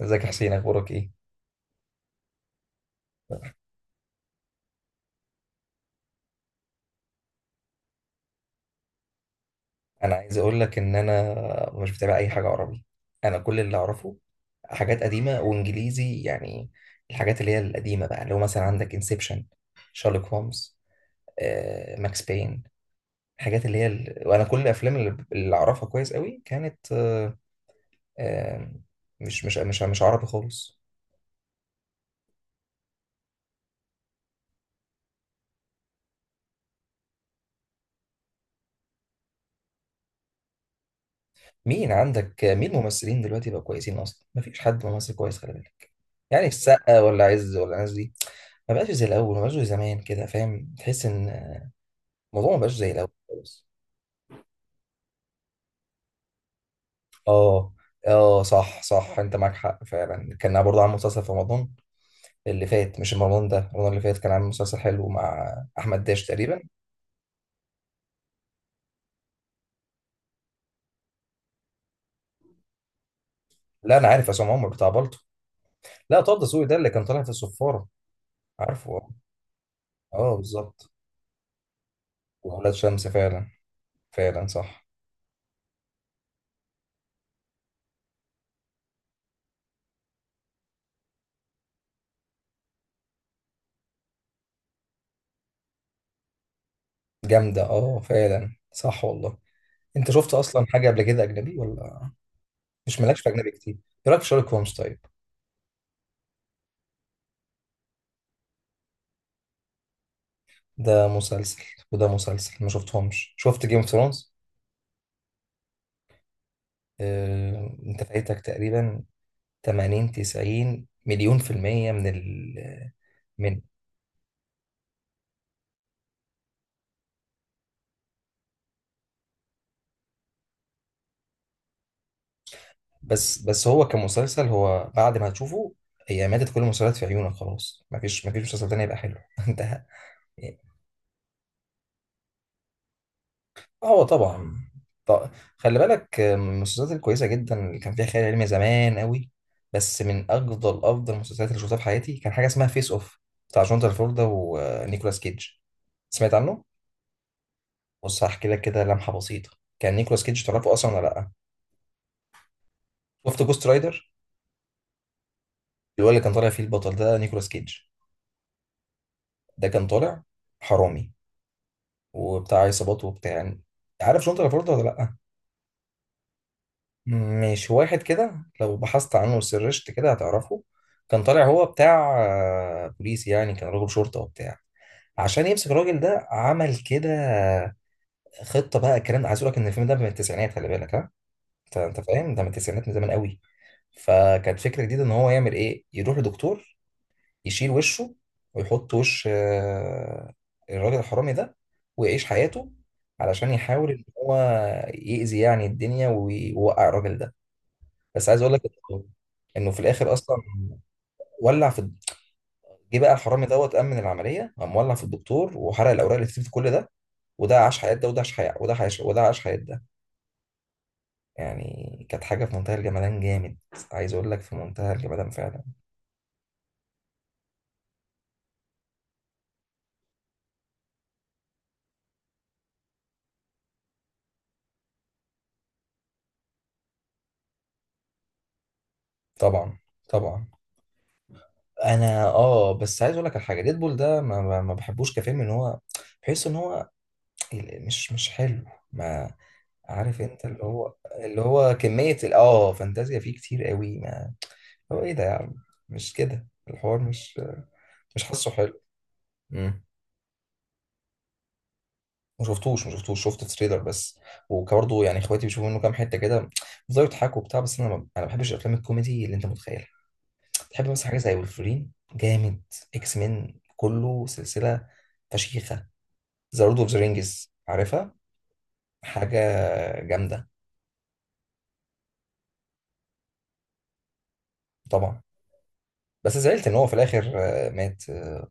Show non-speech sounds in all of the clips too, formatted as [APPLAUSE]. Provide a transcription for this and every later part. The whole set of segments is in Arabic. ازيك يا حسين، اخبارك ايه؟ انا عايز اقول لك ان انا مش بتابع اي حاجه عربي. انا كل اللي اعرفه حاجات قديمه وانجليزي يعني. الحاجات اللي هي القديمه بقى، اللي هو مثلا عندك انسبشن، شارلوك هومز، ماكس بين. الحاجات اللي هي وانا كل الافلام اللي اعرفها كويس قوي كانت، آه، مش عربي خالص. مين ممثلين دلوقتي بقى كويسين؟ اصلا مفيش حد ممثل كويس خالص، يعني السقا ولا عز ولا الناس دي. ما بقاش زي الاول، ما بقاش زي زمان كده، فاهم؟ تحس ان الموضوع ما بقاش زي الاول خالص. اه اه، صح صح، انت معاك حق فعلا. كان برضه عامل مسلسل في رمضان اللي فات، مش رمضان ده، رمضان اللي فات كان عامل مسلسل حلو مع احمد داش تقريبا. لا، انا عارف عصام عمر بتاع بلطو. لا، طه دسوقي ده اللي كان طالع في الصفاره. عارفه، اه. بالظبط. واولاد شمس فعلا. فعلا صح. جامده، اه، فعلا صح والله. انت شفت اصلا حاجه قبل كده اجنبي ولا؟ مش مالكش في اجنبي كتير؟ ايه رايك في شارلوك هومز طيب؟ ده مسلسل وده مسلسل ما شفتهمش. شفت جيم اوف ثرونز؟ انت فايتك تقريبا 80 90 مليون في المية من ال من بس هو كمسلسل، هو بعد ما هتشوفه هي ماتت كل المسلسلات في عيونك، خلاص مفيش مسلسل تاني يبقى حلو. [LAUGHS] انت، هو طبعا، ط- خلي بالك، من المسلسلات الكويسه جدا اللي كان فيها خيال علمي زمان قوي. بس من افضل افضل المسلسلات اللي شفتها في حياتي كان حاجه اسمها فيس اوف، بتاع جون ترافولتا ونيكولاس كيدج. سمعت عنه؟ بص، هحكي لك كده لمحه بسيطه. كان نيكولاس كيدج تعرفه اصلا ولا لا؟ شفت جوست رايدر؟ اللي هو اللي كان طالع فيه البطل ده نيكولاس كيدج. ده كان طالع حرامي وبتاع عصابات وبتاع، يعني. عارف جون ترافولتا ولا لا؟ مش واحد كده لو بحثت عنه وسرشت كده هتعرفه. كان طالع هو بتاع بوليس، يعني كان راجل شرطة وبتاع. عشان يمسك الراجل ده عمل كده خطة بقى. الكلام ده، عايز اقول لك ان الفيلم ده من التسعينات، خلي بالك، ها؟ انت فاهم؟ ده من التسعينات، من زمان قوي. فكانت فكرة جديدة، ان هو يعمل ايه، يروح لدكتور، يشيل وشه، ويحط وش الراجل الحرامي ده، ويعيش حياته علشان يحاول ان هو يأذي يعني الدنيا ويوقع الراجل ده. بس عايز اقول لك انه إنه في الاخر اصلا ولع في الد- جه بقى الحرامي دوت امن العمليه، قام ولع في الدكتور وحرق الاوراق اللي كتبت كل ده. وده عاش حياه، ده وده عاش حياه، وده عاش، وده عاش حياه ده. يعني كانت حاجه في منتهى الجمدان، جامد. عايز اقول لك في منتهى الجمدان فعلا. طبعا طبعا. انا، اه، بس عايز اقول لك على حاجه. ديدبول ده ما بحبوش كفيلم، ان هو بحس ان هو، مش حلو. ما، عارف انت اللي هو، اللي هو كميه فانتازيا فيه كتير قوي، ما. هو ايه ده يا عم؟ مش كده، الحوار، مش حاسه حلو. امم. ما شفتوش، ما شفتوش، شفت تريلر بس. وبرضه يعني اخواتي بيشوفوا منه كام حته كده، بيفضلوا يضحكوا وبتاع، بس انا ما بحبش الافلام الكوميدي اللي انت متخيلها. تحب مثلا حاجه زي ولفرين، جامد؟ اكس مين كله سلسله فشيخه. ذا لورد اوف ذا رينجز، عارفها؟ حاجه جامده. طبعا، بس زعلت ان هو في الاخر مات،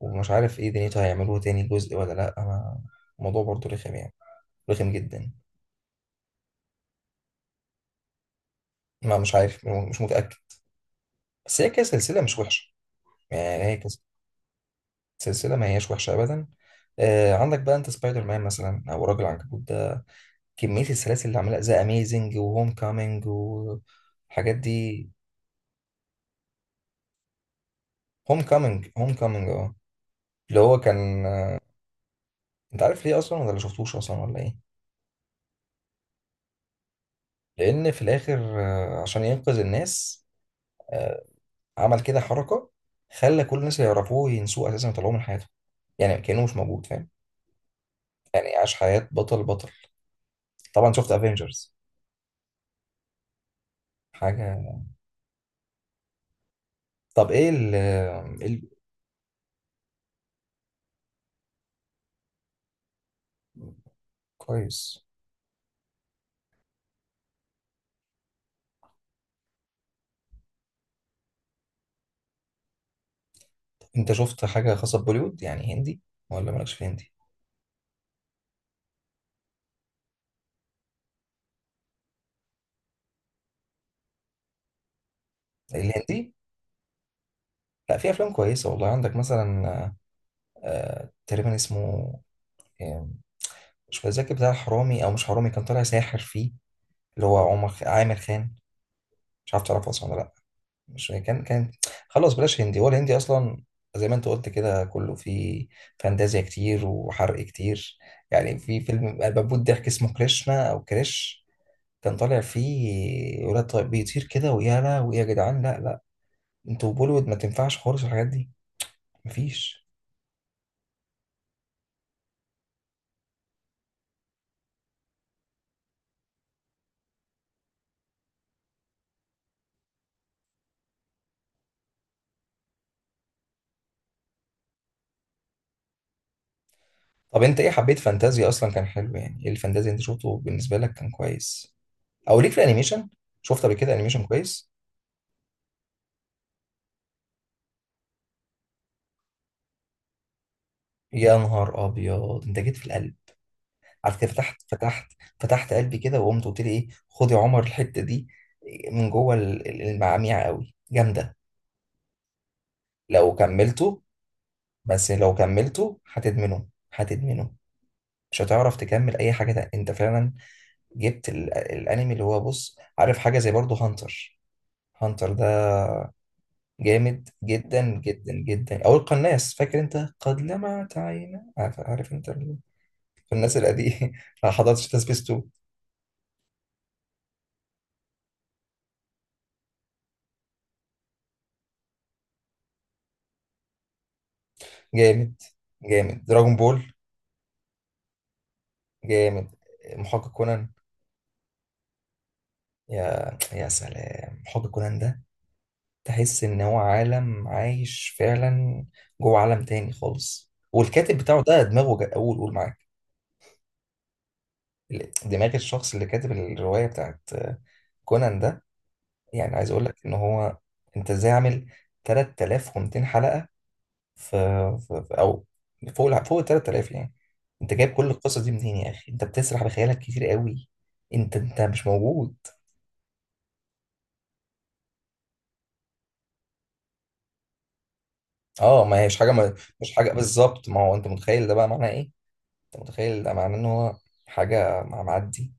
ومش عارف ايه دنيته، هيعملوه تاني جزء ولا لا؟ انا الموضوع برضه رخم يعني، رخم جدا. ما مش عارف، مش متأكد. بس هي كسلسلة مش وحشة، يعني هي كسلسلة ما هياش وحشة أبدا. آه، عندك بقى أنت سبايدر مان مثلا، أو راجل عنكبوت ده، كمية السلاسل اللي عملها، ذا أميزنج وهوم كامينج والحاجات دي. هوم كامينج، هوم كامينج، أه. اللي هو كان، أنت عارف ليه أصلا ولا شفتوش أصلا ولا إيه؟ لأن في الآخر، عشان ينقذ الناس. آه. عمل كده حركة، خلى كل الناس اللي يعرفوه ينسوه أساسا ويطلعوه من حياته، يعني كأنه مش موجود، فاهم؟ يعني عاش حياة بطل بطل. طبعا، شفت افنجرز؟ حاجه. طب ايه إيه كويس. طب انت شفت حاجه خاصه ببوليوود، يعني هندي، ولا مالكش في هندي؟ الهندي، لا، في افلام كويسه والله، عندك مثلا، آه، تقريبا اسمه، آه، مش فاكر، بتاع حرامي او مش حرامي، كان طالع ساحر فيه، اللي هو عامر خان، مش عارف تعرفه اصلا ولا لا؟ مش كان كان خلاص بلاش هندي، هو الهندي اصلا زي ما انت قلت كده كله فيه فانتازيا كتير وحرق كتير. يعني في فيلم بموت ضحك اسمه كريشنا او كريش. كان طالع فيه ولاد طيب بيطير كده، ويا لا، ويا جدعان، لا لا. انتوا بوليوود ما تنفعش خالص الحاجات دي، مفيش. طب انت ايه حبيت فانتازيا اصلا؟ كان حلو يعني؟ ايه الفانتازيا اللي انت شفته بالنسبه لك كان كويس؟ او ليك في الانيميشن؟ شفت قبل كده انيميشن كويس؟ يا نهار ابيض، انت جيت في القلب، عارف كده، فتحت قلبي كده، وقمت قلت لي ايه، خد يا عمر الحته دي من جوه المعاميع، قوي جامده. لو كملته لو كملته هتدمنه، هتدمنه، مش هتعرف تكمل اي حاجه تانية. انت فعلا جبت الانمي، اللي هو، بص عارف حاجه زي برضه هانتر، هانتر ده جامد جدا جدا جدا، او القناص، فاكر انت؟ قد لمعت عينا، عارف, انت الناس القديمه. [LAUGHS] ما حضرتش تسبيس 2. [LAUGHS] جامد جامد دراجون بول، جامد محقق كونان. يا سلام، محقق كونان ده تحس ان هو عالم عايش فعلا جوه عالم تاني خالص، والكاتب بتاعه ده دماغه قول قول معاك. دماغ الشخص اللي كاتب الرواية بتاعت كونان ده، يعني عايز اقول لك ان هو، انت ازاي عامل 3200 حلقة، في, في في- او فوق فوق ال 3000 يعني؟ انت جايب كل القصة دي منين يا اخي؟ انت بتسرح بخيالك كتير قوي، انت مش موجود. اه، ما هيش حاجة، ما مش حاجة بالظبط. ما هو انت متخيل ده بقى معناه ايه؟ انت متخيل ده معناه ان هو حاجة معدي،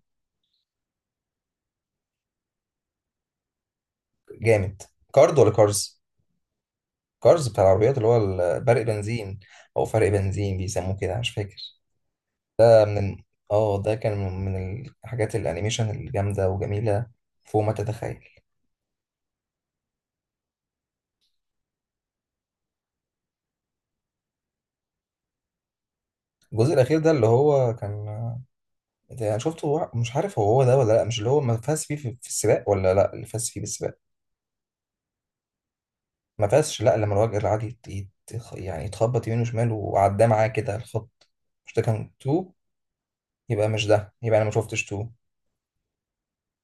جامد. كارد ولا كارز؟ كارز بتاع العربيات اللي هو برق بنزين، او فرق بنزين بيسموه كده، مش فاكر. ده من ال- اه ده كان من الحاجات الانيميشن الجامده وجميله فوق ما تتخيل. الجزء الاخير ده اللي هو كان، ده انا شفته، مش عارف هو ده ولا لا؟ مش اللي هو ما فاز فيه في السباق، ولا لا اللي فاز فيه بالسباق؟ ما فازش، لا، لما الراجل العادي يعني يتخبط يمين وشمال وعداه معاه كده الخط، مش ده كان 2؟ يبقى مش ده يبقى انا ما شفتش 2.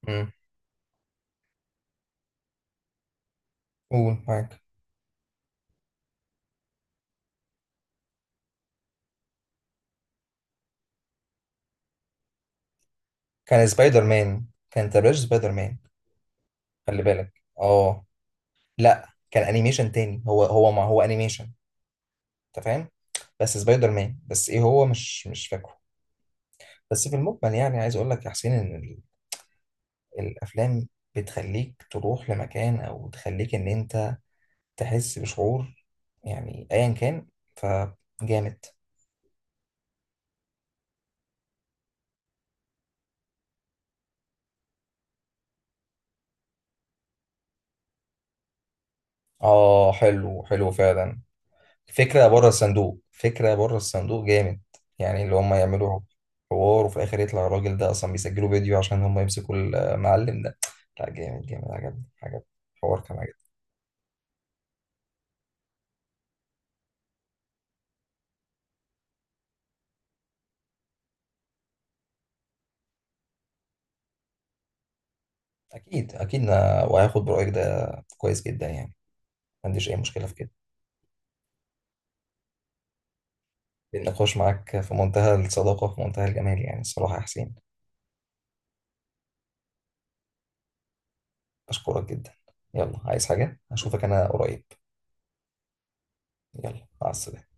امم، قول معاك. كان سبايدر مان، كان تبلاش سبايدر مان، خلي بالك، اه. لا، كان انيميشن تاني، هو ما هو انيميشن، انت فاهم، بس سبايدر مان، بس ايه هو مش فاكره. بس في المجمل يعني، عايز اقول لك يا حسين، ان الافلام بتخليك تروح لمكان، او تخليك ان انت تحس بشعور، يعني ايا كان، فجامد. اه، حلو حلو فعلا. فكرة بره الصندوق، فكرة بره الصندوق جامد. يعني اللي هم يعملوا حوار وفي الآخر يطلع الراجل ده أصلا بيسجلوا فيديو عشان هم يمسكوا المعلم ده. لا، جامد جامد، عجبني عجبني. الحوار كان عجبني. أكيد أكيد، أنا وهاخد برأيك ده، كويس جدا يعني، ما عنديش أي مشكلة في كده. النقاش معاك في منتهى الصداقة، في منتهى الجمال، يعني الصراحة يا حسين، أشكرك جدا. يلا، عايز حاجة؟ أشوفك أنا قريب. يلا، مع السلامة.